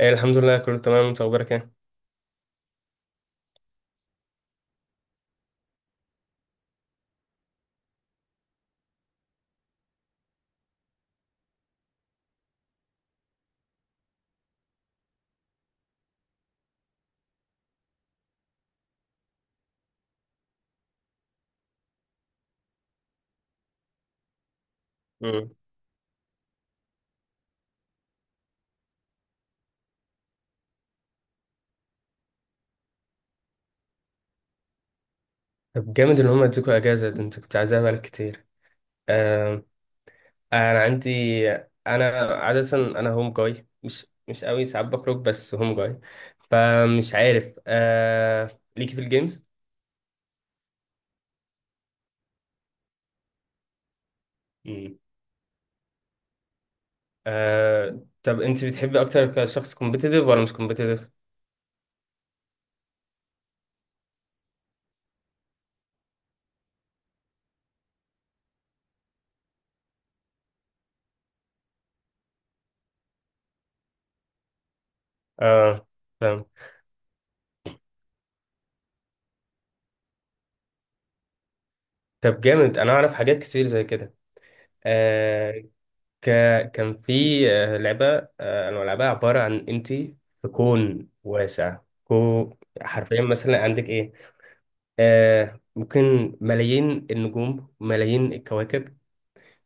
إيه، الحمد لله كله تمام. انت اخبارك ايه؟ مم. طب جامد ان هم ادوكوا اجازه، ده انت كنت عايزاها بقالك كتير. آه. انا عندي، انا عاده انا هوم جاي، مش قوي ساعات بخرج بس هوم جاي. فمش عارف آه ليكي في الجيمز. مم. آه. طب انت بتحبي اكتر كشخص كومبيتيتيف ولا مش كومبيتيتيف؟ اه فاهم. طب جامد، انا اعرف حاجات كتير زي كده. آه، ك... كان في لعبة أنا بلعبها، عبارة عن أنت في كون واسع. كو حرفيا مثلا عندك إيه، آه ممكن ملايين النجوم، ملايين الكواكب.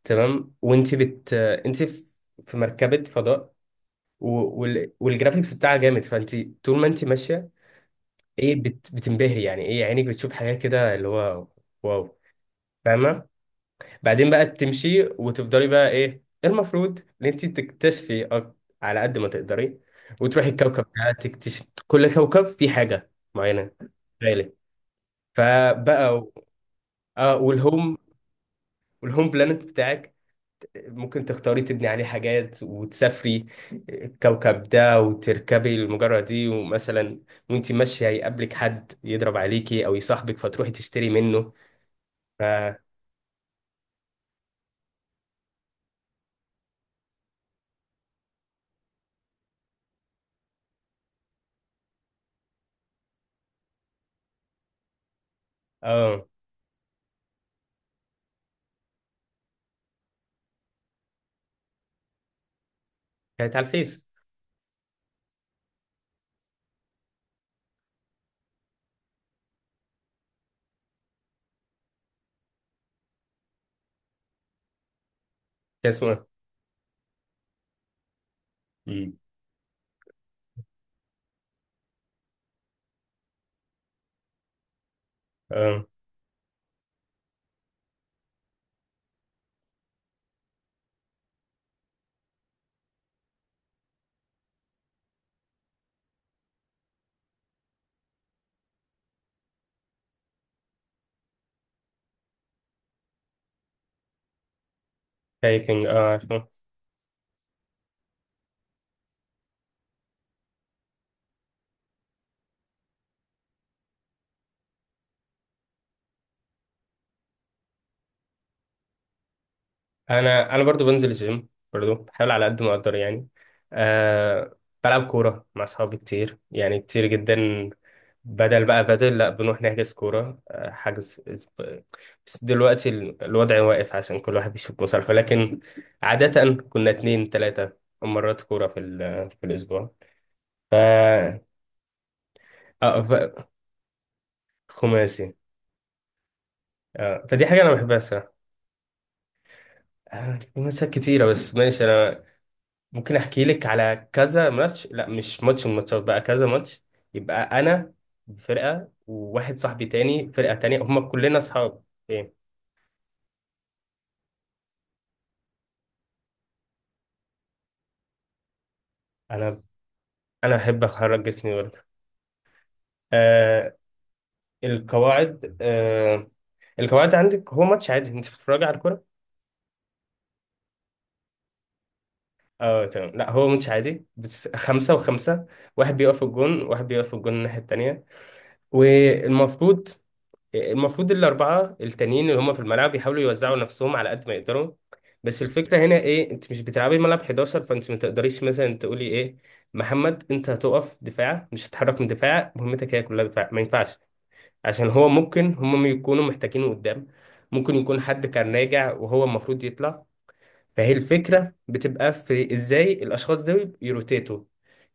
تمام. وأنت بت آه، أنت في في مركبة فضاء و... والجرافيكس بتاعها جامد. فأنت طول ما أنت ماشية بتنبهري، يعني إيه، عينك بتشوف حاجات كده اللي هو واو. فاهمة؟ بعدين بقى تمشي وتفضلي بقى إيه المفروض ان انت تكتشفي على قد ما تقدري، وتروحي الكوكب ده، تكتشف كل كوكب فيه حاجة معينة. غالي. فبقى و- اه، والهوم بلانت بتاعك ممكن تختاري تبني عليه حاجات، وتسافري الكوكب ده، وتركبي المجرة دي. ومثلا وانت ماشية يقابلك حد يضرب عليكي او يصاحبك، فتروحي تشتري منه. ف اه، كانت على الفيس. كان اسمه إيه؟ مم. اه، هايكنج، اه عارفه. انا برضو بنزل الجيم، برضو بحاول على قد ما اقدر يعني. آه، بلعب كوره مع اصحابي كتير، يعني كتير جدا. بدل بقى بدل لا، بنروح نحجز كوره. بس دلوقتي الوضع واقف، عشان كل واحد بيشوف مصالحه. لكن عاده كنا اتنين تلاته مرات كوره في في الاسبوع. ف اه ف- خماسي. آه، فدي حاجه انا بحبها الصراحه. آه، خماسيات كتيره. بس ماشي، انا ممكن احكي لك على كذا ماتش. لا، مش ماتش من الماتشات بقى، كذا ماتش. يبقى انا فرقه، وواحد صاحبي تاني فرقه تانية، هم كلنا اصحاب. إيه؟ انا انا احب اخرج جسمي برضه. آه، القواعد. آه، القواعد عندك، هو ماتش عادي انت بتتفرجي على الكوره. اه تمام. لا، هو ماتش عادي بس خمسة وخمسة. واحد بيقف في الجون، واحد بيقف في الجون الناحية التانية. والمفروض المفروض الأربعة التانيين اللي هم في الملعب يحاولوا يوزعوا نفسهم على قد ما يقدروا. بس الفكرة هنا إيه، أنت مش بتلعبي الملعب 11، فأنت ما تقدريش مثلا تقولي إيه، محمد أنت هتقف دفاع، مش هتتحرك من دفاع، مهمتك هي كلها دفاع. ما ينفعش، عشان هو ممكن هم يكونوا محتاجينه قدام. ممكن يكون حد كان راجع وهو المفروض يطلع. فهي الفكرة بتبقى في ازاي الاشخاص دول يروتيتوا،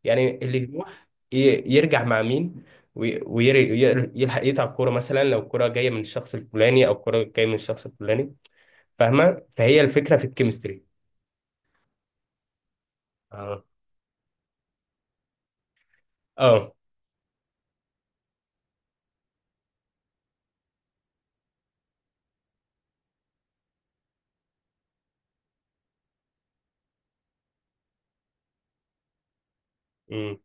يعني اللي يروح يرجع مع مين، ويلحق يتعب كورة، مثلا لو الكورة جاية من الشخص الفلاني او الكورة جاية من الشخص الفلاني، فاهمة؟ فهي الفكرة في الكيمستري. اه اه. امم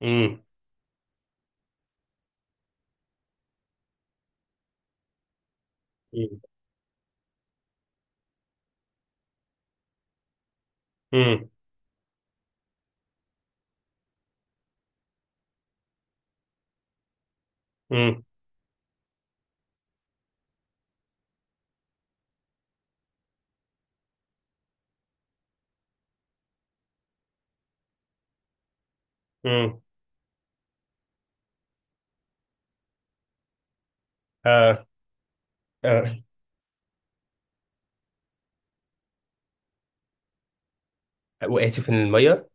امم امم امم امم اه اه. وقعتي في المية؟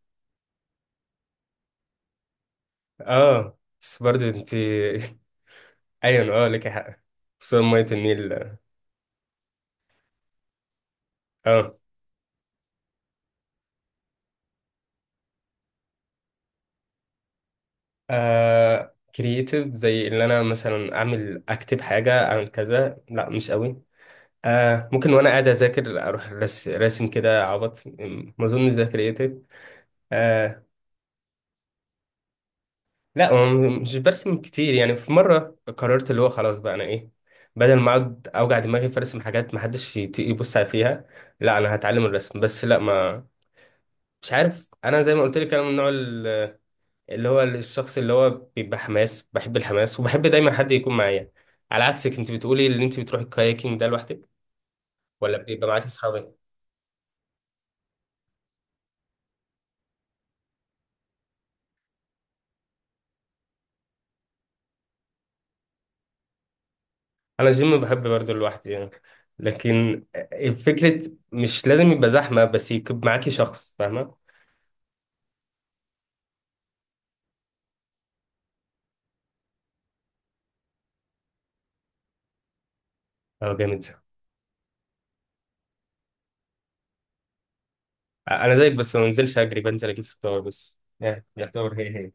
اه، بس برضه انت ايوه اه لك حق، خصوصا مية النيل. اه. آه كرييتيف زي اللي انا مثلا اعمل اكتب حاجه اعمل كذا؟ لا مش قوي. آه، ممكن وانا قاعد اذاكر اروح راسم كده عبط. ما اظنش ده كرييتيف. آه، لا هو مش برسم كتير يعني. في مره قررت اللي هو خلاص بقى انا ايه، بدل ما اقعد اوجع دماغي في ارسم حاجات ما حدش يبص عليها، لا انا هتعلم الرسم. بس لا ما مش عارف، انا زي ما قلت لك، انا من النوع اللي هو الشخص اللي هو بيبقى حماس، بحب الحماس، وبحب دايما حد يكون معايا. على عكسك، انت بتقولي ان انت بتروحي الكاياكينج ده لوحدك ولا بيبقى معاك اصحابك؟ انا الجيم بحب برضه لوحدي يعني، لكن الفكرة مش لازم يبقى زحمة، بس يكون معاكي شخص، فاهمة؟ اه جامد. انا زيك، بس ما بنزلش اجري، بنزل اجيب فطار، بس يعني يعتبر هي هي.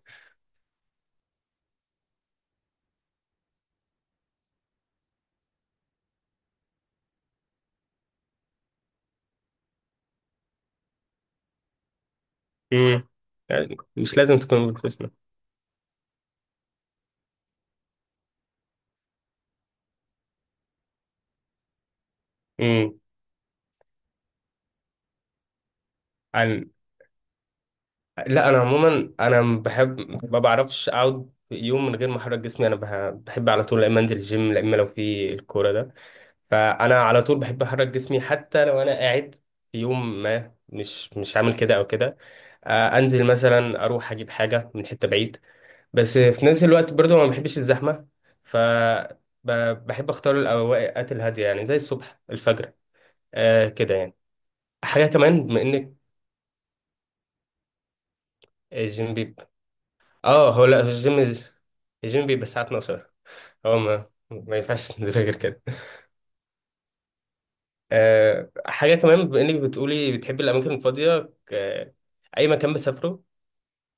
امم يعني مش لازم تكون بروفيشنال. امم لا انا عموما انا بحب، ما بعرفش اقعد يوم من غير ما احرك جسمي. انا بحب على طول، لا اما انزل الجيم، لا اما لو في الكوره ده. فانا على طول بحب احرك جسمي، حتى لو انا قاعد في يوم ما مش عامل كده او كده، آه، انزل مثلا اروح اجيب حاجه من حته بعيد. بس في نفس الوقت برضو ما بحبش الزحمه. ف بحب اختار الاوقات الهاديه، يعني زي الصبح، الفجر، آه كده يعني. حاجه كمان بما انك الجيم، اه هو لا في الجيم الجيم بيبقى الساعة 12، هو ما ما ينفعش تنزل غير كده. أه، حاجة كمان بما انك بتقولي بتحبي الأماكن الفاضية، أي مكان بسافره،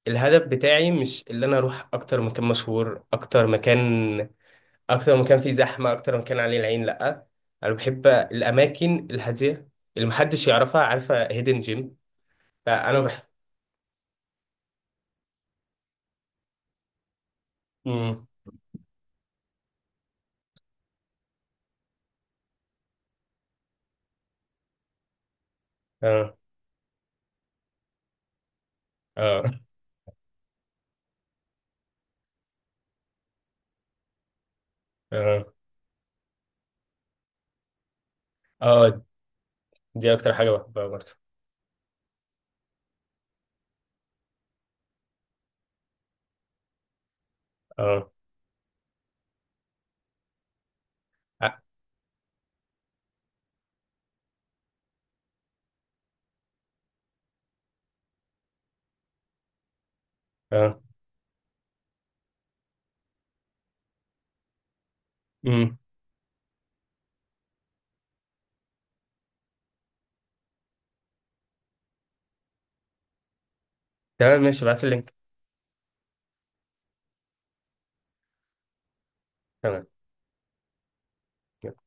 الهدف بتاعي مش اللي أنا أروح أكتر مكان مشهور، أكتر مكان، أكتر مكان فيه زحمة، أكتر مكان عليه العين، لأ. أنا بحب الأماكن الهادية اللي محدش يعرفها، عارفة هيدن جيم؟ فأنا بحب. مم. اه اه اه اه. دي أكتر حاجة بحبها برضه. اه اه. آه. مم. تمام ماشي، ابعت اللينك. تمام. يلا.